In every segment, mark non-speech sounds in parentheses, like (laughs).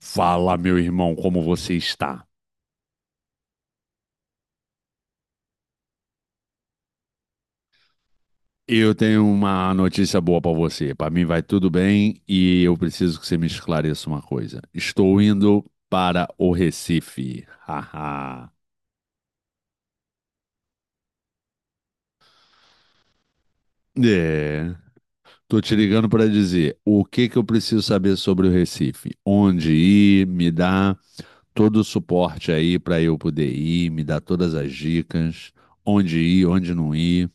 Fala, meu irmão, como você está? Eu tenho uma notícia boa para você. Para mim vai tudo bem e eu preciso que você me esclareça uma coisa. Estou indo para o Recife. Haha. É. Tô te ligando para dizer o que que eu preciso saber sobre o Recife. Onde ir, me dá todo o suporte aí para eu poder ir, me dá todas as dicas, onde ir, onde não ir.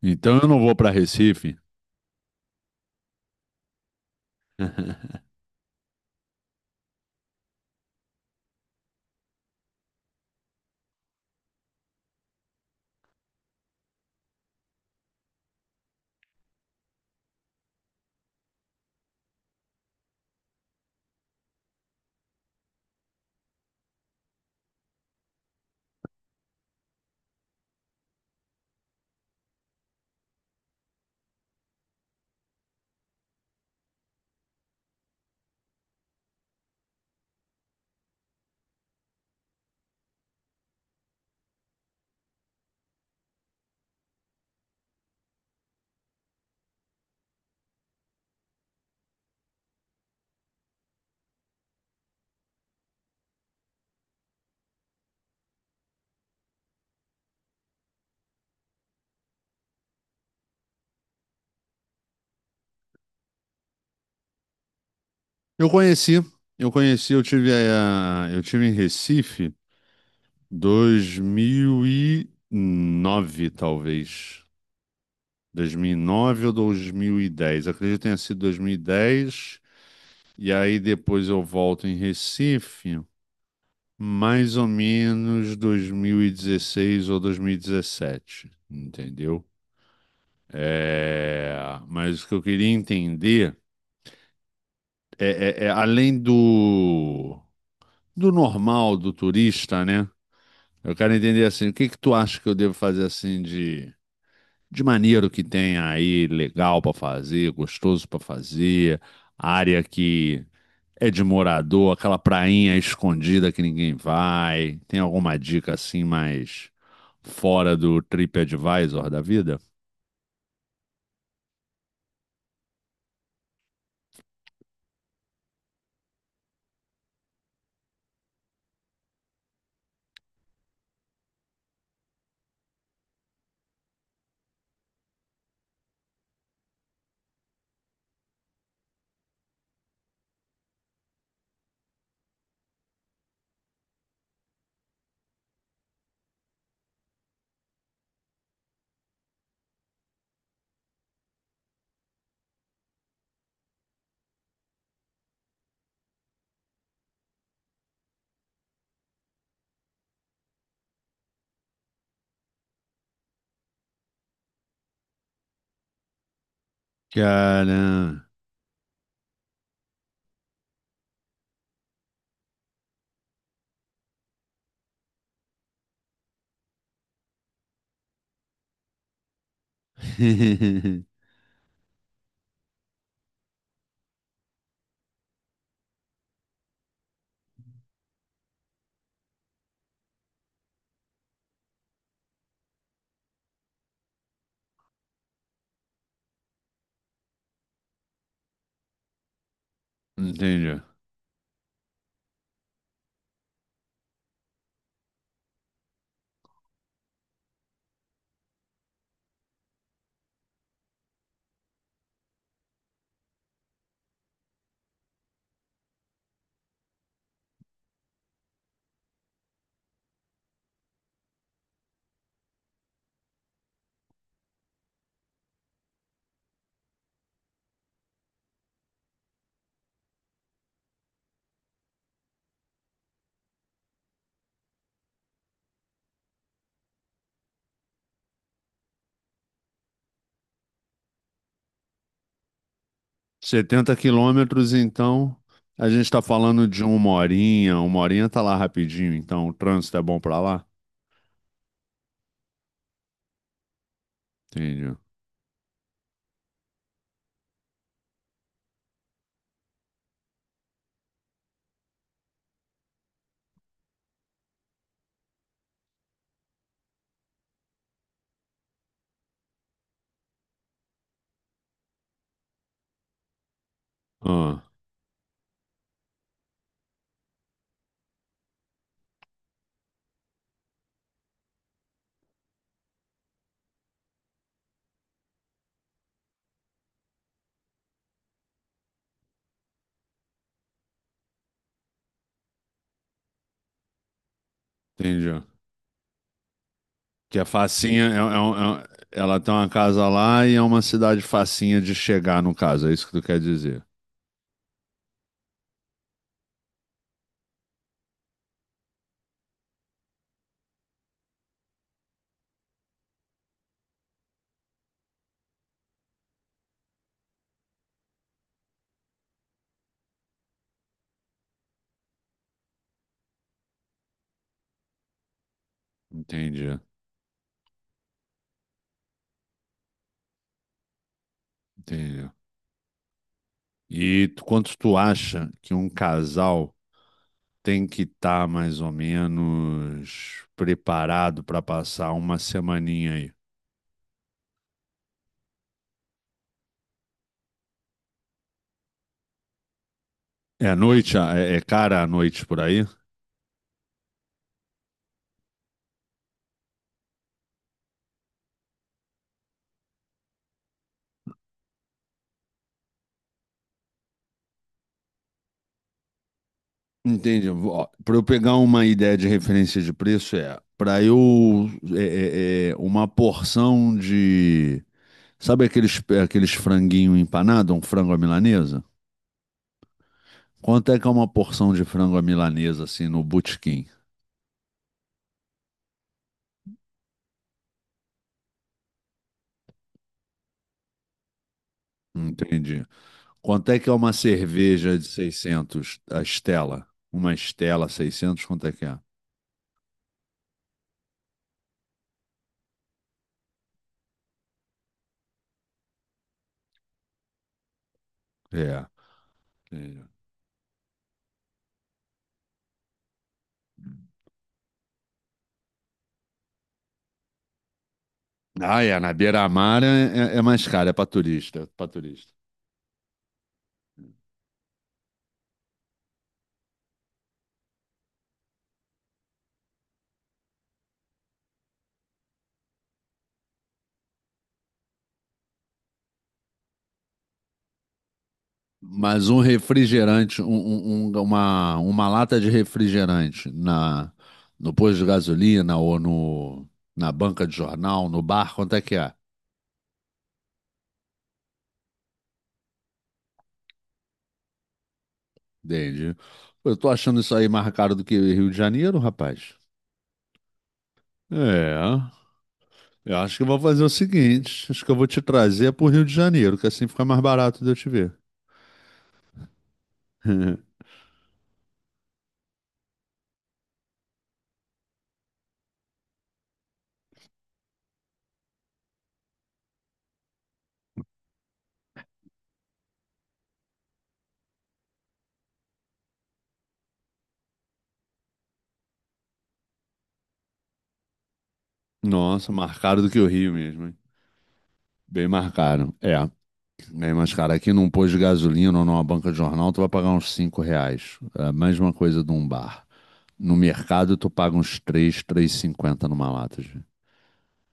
Então eu não vou para Recife. (laughs) Eu conheci, eu eu tive em Recife 2009 talvez. 2009 ou 2010. Acredito que tenha sido 2010. E aí depois eu volto em Recife, mais ou menos 2016 ou 2017, entendeu? É, mas o que eu queria entender é além do normal do turista, né? Eu quero entender assim, o que que tu acha que eu devo fazer assim de maneiro que tem aí, legal pra fazer, gostoso pra fazer, área que é de morador, aquela prainha escondida que ninguém vai. Tem alguma dica assim mais fora do TripAdvisor da vida? Cara. (laughs) Entendi. 70 quilômetros, então, a gente tá falando de uma horinha tá lá rapidinho, então o trânsito é bom pra lá? Entendi. Ah, entendi. Que a facinha, é um- ela tem uma casa lá e é uma cidade facinha de chegar, no caso, é isso que tu quer dizer. Entendi, entendi. Quanto tu acha que um casal tem que estar mais ou menos preparado para passar uma semaninha aí? É à noite? Ah, é cara à noite por aí? Entendi. Para eu pegar uma ideia de referência de preço, é para eu uma porção de. Sabe aqueles franguinho empanado, um frango à milanesa? Quanto é que é uma porção de frango à milanesa, assim, no botequim? Entendi. Quanto é que é uma cerveja de 600 a Stella? Uma Stella 600. Quanto é que é? É. Entendi. Ah, é, na beira-mar é mais caro, é para turista, para turista. Mas um refrigerante, uma lata de refrigerante no posto de gasolina ou no, na banca de jornal, no bar, quanto é que é? Entendi. Pô, eu tô achando isso aí mais caro do que Rio de Janeiro, rapaz. É, eu acho que eu vou fazer o seguinte, acho que eu vou te trazer pro Rio de Janeiro, que assim fica mais barato de eu te ver. (laughs) Nossa, mais caro do que o Rio mesmo, hein? Bem mais caro. É, bem mais caro. Aqui num posto de gasolina ou numa banca de jornal, tu vai pagar uns R$ 5. É a mesma coisa de um bar. No mercado, tu paga uns 3, cinquenta numa lata,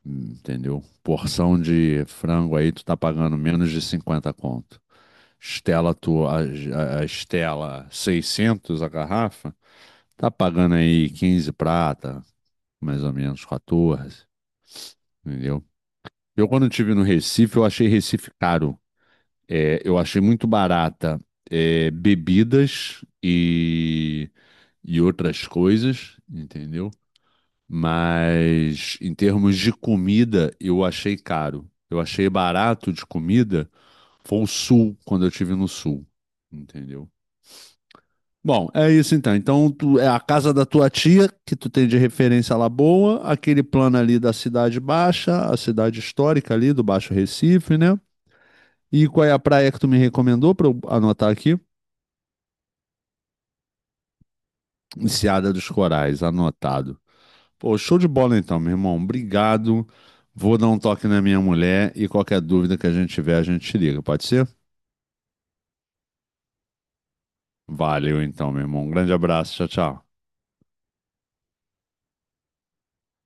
entendeu? Porção de frango aí, tu tá pagando menos de 50 conto. Stella, a Stella 600, a garrafa, tá pagando aí 15 prata, mais ou menos 14, entendeu? Eu, quando estive no Recife, eu achei Recife caro. É, eu achei muito barata, é, bebidas e outras coisas, entendeu? Mas em termos de comida, eu achei caro. Eu achei barato de comida, foi o sul, quando eu estive no sul, entendeu? Bom, é isso então. Então, é a casa da tua tia, que tu tem de referência lá boa, aquele plano ali da Cidade Baixa, a cidade histórica ali do Baixo Recife, né? E qual é a praia que tu me recomendou para eu anotar aqui? Enseada dos Corais, anotado. Pô, show de bola então, meu irmão. Obrigado. Vou dar um toque na minha mulher e qualquer dúvida que a gente tiver, a gente te liga, pode ser? Valeu então, meu irmão. Um grande abraço. Tchau, tchau.